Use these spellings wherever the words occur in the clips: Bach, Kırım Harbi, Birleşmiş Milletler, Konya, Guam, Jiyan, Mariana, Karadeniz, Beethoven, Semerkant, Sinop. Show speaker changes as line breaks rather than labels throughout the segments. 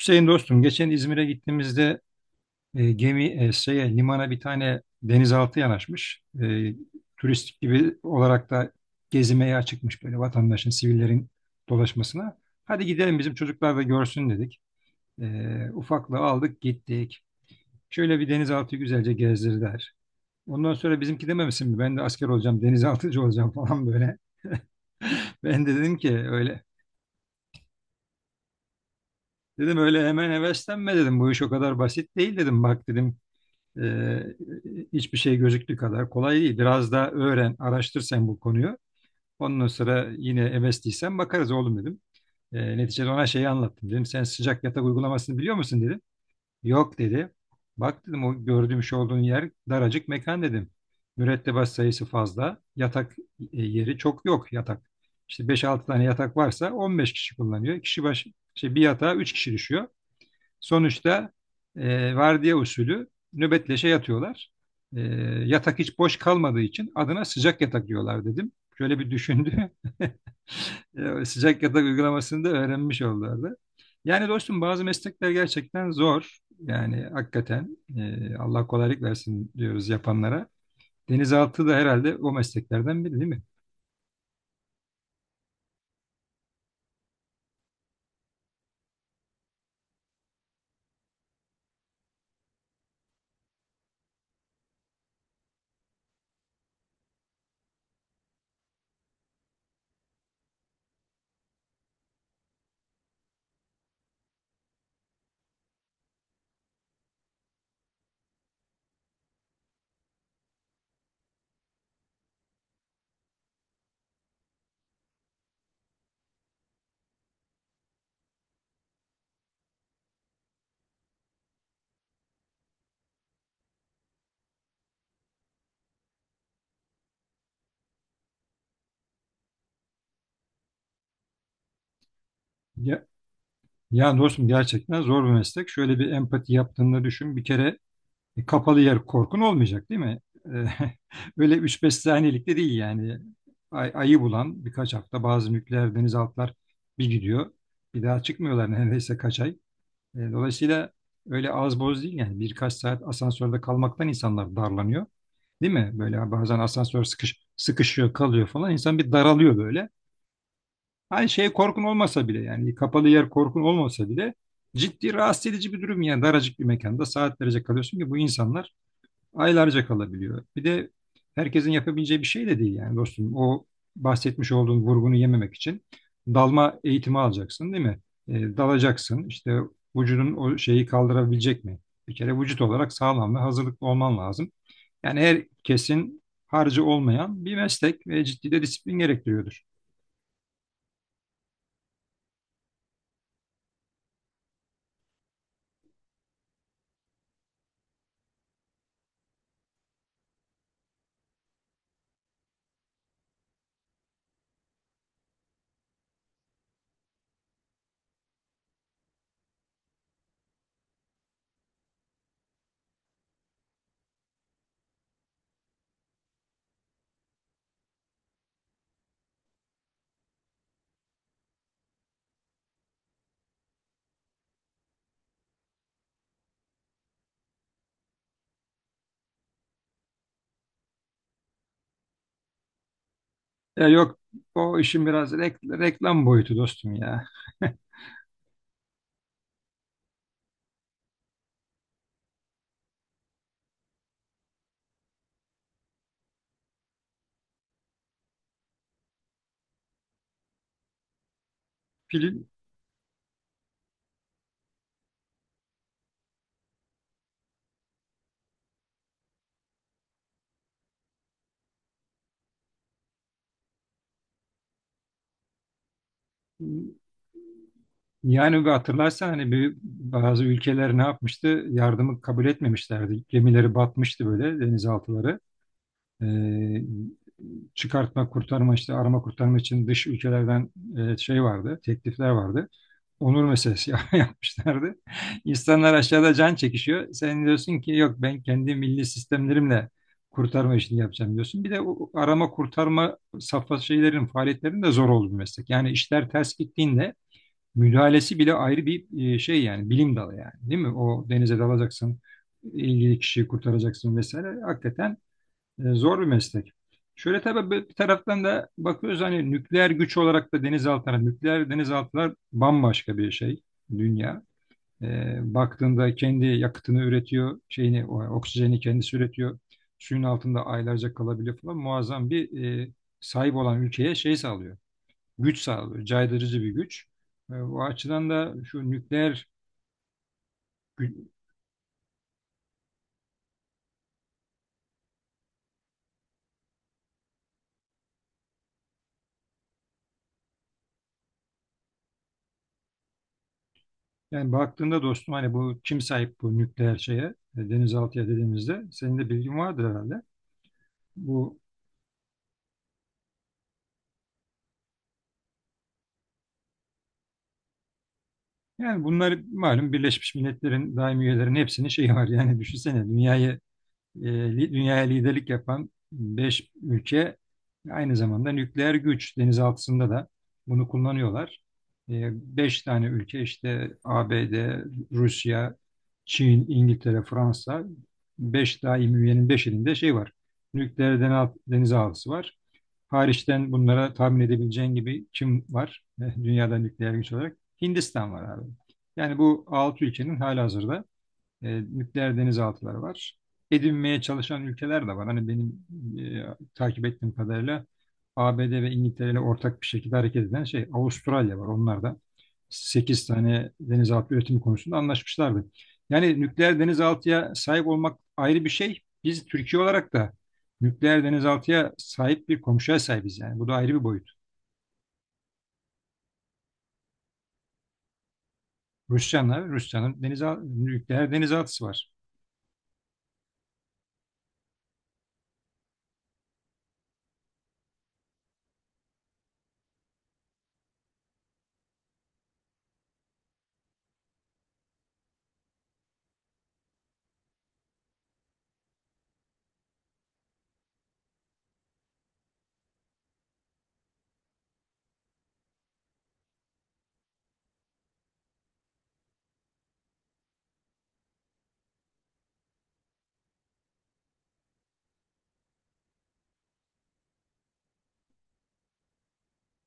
Hüseyin dostum, geçen İzmir'e gittiğimizde gemi şeye, limana bir tane denizaltı yanaşmış. Turistik gibi olarak da gezmeye açıkmış böyle vatandaşın, sivillerin dolaşmasına. Hadi gidelim bizim çocuklar da görsün dedik. Ufaklığı aldık gittik. Şöyle bir denizaltı güzelce gezdirdiler. Ondan sonra bizimki dememişsin mi? Ben de asker olacağım, denizaltıcı olacağım falan böyle. Ben de dedim ki öyle. Dedim öyle hemen heveslenme dedim. Bu iş o kadar basit değil dedim. Bak dedim. Ee, hiçbir şey gözüktüğü kadar kolay değil. Biraz daha öğren, araştır sen bu konuyu. Ondan sonra yine MS'liysen bakarız oğlum dedim. Neticede ona şeyi anlattım. Dedim sen sıcak yatak uygulamasını biliyor musun dedim. Yok dedi. Bak dedim o gördüğüm şu olduğun yer daracık mekan dedim. Mürettebat sayısı fazla. Yatak yeri çok yok yatak. İşte beş altı tane yatak varsa 15 kişi kullanıyor. Kişi başı şey, bir yatağa 3 kişi düşüyor. Sonuçta vardiya usulü nöbetleşe yatıyorlar. E, yatak hiç boş kalmadığı için adına sıcak yatak diyorlar dedim. Şöyle bir düşündü. sıcak yatak uygulamasını da öğrenmiş oldulardı. Yani dostum bazı meslekler gerçekten zor. Yani hakikaten Allah kolaylık versin diyoruz yapanlara. Denizaltı da herhalde o mesleklerden biri değil mi? Ya, ya dostum gerçekten zor bir meslek. Şöyle bir empati yaptığını düşün. Bir kere kapalı yer korkun olmayacak değil mi? E, Öyle üç beş saniyelik de değil yani. Ayı bulan birkaç hafta bazı nükleer denizaltılar bir gidiyor. Bir daha çıkmıyorlar neredeyse kaç ay. Dolayısıyla öyle az boz değil yani. Birkaç saat asansörde kalmaktan insanlar darlanıyor. Değil mi? Böyle bazen asansör sıkışıyor kalıyor falan. İnsan bir daralıyor böyle. Hani şey korkun olmasa bile yani kapalı yer korkun olmasa bile ciddi rahatsız edici bir durum yani daracık bir mekanda saatlerce kalıyorsun ki bu insanlar aylarca kalabiliyor. Bir de herkesin yapabileceği bir şey de değil yani dostum. O bahsetmiş olduğun vurgunu yememek için dalma eğitimi alacaksın değil mi? Dalacaksın İşte vücudun o şeyi kaldırabilecek mi? Bir kere vücut olarak sağlam ve hazırlıklı olman lazım. Yani herkesin harcı olmayan bir meslek ve ciddi de disiplin gerektiriyordur. Ya yok o işin biraz reklam boyutu dostum ya. Film Yani bu hatırlarsan hani bazı ülkeler ne yapmıştı? Yardımı kabul etmemişlerdi. Gemileri batmıştı böyle denizaltıları. Ee, çıkartma, kurtarma işte arama kurtarma için dış ülkelerden şey vardı, teklifler vardı. Onur meselesi yapmışlardı. İnsanlar aşağıda can çekişiyor. Sen diyorsun ki yok ben kendi milli sistemlerimle kurtarma işini yapacağım diyorsun. Bir de o arama kurtarma safhası şeylerin faaliyetlerinin de zor olduğu bir meslek. Yani işler ters gittiğinde müdahalesi bile ayrı bir şey yani bilim dalı yani değil mi? O denize dalacaksın, ilgili kişiyi kurtaracaksın vesaire. Hakikaten zor bir meslek. Şöyle tabii bir taraftan da bakıyoruz hani nükleer güç olarak da denizaltılar, nükleer denizaltılar bambaşka bir şey dünya. Baktığında kendi yakıtını üretiyor, şeyini, oksijeni kendisi üretiyor. Suyun altında aylarca kalabiliyor falan. Muazzam bir e, sahip olan ülkeye şey sağlıyor, güç sağlıyor, caydırıcı bir güç. O açıdan da şu nükleer gü- yani baktığında dostum hani bu kim sahip bu nükleer şeye denizaltıya dediğimizde senin de bilgin vardır herhalde. Bu yani bunlar malum Birleşmiş Milletler'in daimi üyelerinin hepsinin şeyi var. Yani düşünsene dünyayı e, dünyaya liderlik yapan 5 ülke aynı zamanda nükleer güç denizaltısında da bunu kullanıyorlar. E, 5 tane ülke işte ABD, Rusya, Çin, İngiltere, Fransa. 5 daimi üyenin beşinde şey var. Nükleer denizaltısı var. Hariçten bunlara tahmin edebileceğin gibi kim var? Dünyada nükleer güç olarak Hindistan var abi. Yani bu 6 ülkenin halihazırda nükleer denizaltıları var. Edinmeye çalışan ülkeler de var. Hani benim takip ettiğim kadarıyla ABD ve İngiltere ile ortak bir şekilde hareket eden şey Avustralya var. Onlar da sekiz tane denizaltı üretimi konusunda anlaşmışlardı. Yani nükleer denizaltıya sahip olmak ayrı bir şey. Biz Türkiye olarak da nükleer denizaltıya sahip bir komşuya sahibiz yani. Bu da ayrı bir boyut. Rusya'nın nükleer denizaltısı var.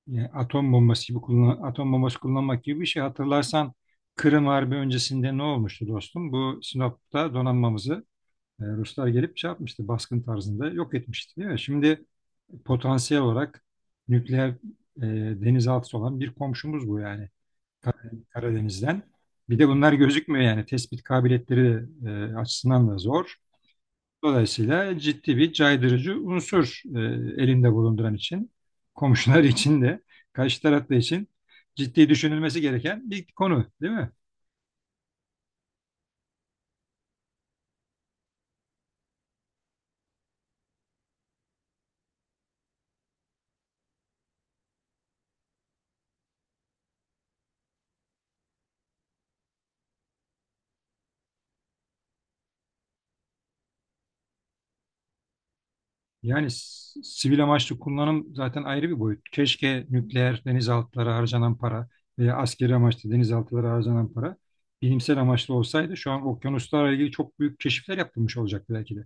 Yani atom bombası gibi atom bombası kullanmak gibi bir şey. Hatırlarsan Kırım Harbi öncesinde ne olmuştu dostum? Bu Sinop'ta donanmamızı Ruslar gelip şey yapmıştı, baskın tarzında yok etmişti değil mi? Şimdi potansiyel olarak nükleer e, denizaltısı olan bir komşumuz bu yani Karadeniz'den. Bir de bunlar gözükmüyor yani tespit kabiliyetleri de, açısından da zor. Dolayısıyla ciddi bir caydırıcı unsur elinde bulunduran için, komşular için de, karşı tarafta için ciddi düşünülmesi gereken bir konu, değil mi? Yani sivil amaçlı kullanım zaten ayrı bir boyut. Keşke nükleer denizaltılara harcanan para veya askeri amaçlı denizaltılara harcanan para bilimsel amaçlı olsaydı şu an okyanuslarla ilgili çok büyük keşifler yapılmış olacaktı belki de.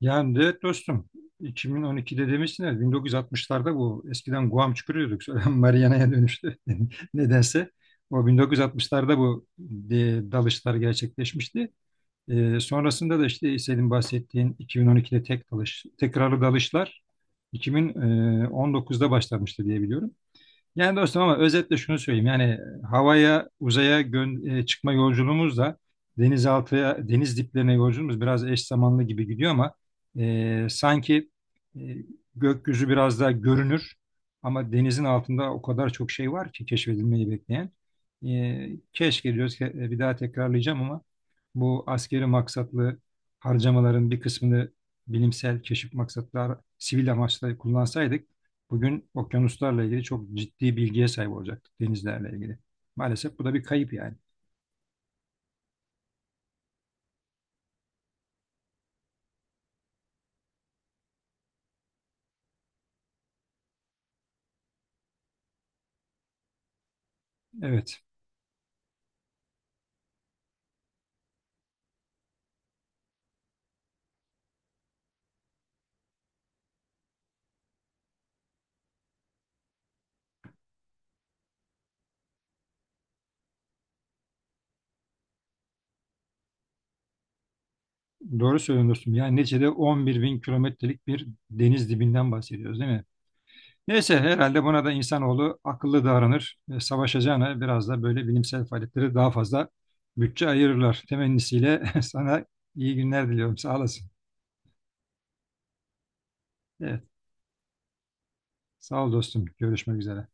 Yani evet dostum 2012'de demiştin ya, 1960'larda bu eskiden Guam çukuruyorduk sonra Mariana'ya dönüştü nedense. O 1960'larda bu e, dalışlar gerçekleşmişti. Sonrasında da işte senin bahsettiğin 2012'de tek dalış, tekrarlı dalışlar 2019'da başlamıştı diye biliyorum. Yani dostum ama özetle şunu söyleyeyim. Yani havaya, uzaya çıkma yolculuğumuzla denizaltıya, deniz diplerine yolculuğumuz biraz eş zamanlı gibi gidiyor ama sanki e, gökyüzü biraz daha görünür ama denizin altında o kadar çok şey var ki keşfedilmeyi bekleyen. Keşke diyoruz ki bir daha tekrarlayacağım ama bu askeri maksatlı harcamaların bir kısmını bilimsel keşif maksatlar, sivil amaçla kullansaydık bugün okyanuslarla ilgili çok ciddi bilgiye sahip olacaktık, denizlerle ilgili. Maalesef bu da bir kayıp yani. Evet, doğru söylüyorsun dostum. Yani neticede 11 bin kilometrelik bir deniz dibinden bahsediyoruz değil mi? Neyse herhalde buna da insanoğlu akıllı davranır. Savaşacağına biraz da böyle bilimsel faaliyetlere daha fazla bütçe ayırırlar. Temennisiyle sana iyi günler diliyorum. Sağ olasın. Evet, sağ ol dostum. Görüşmek üzere.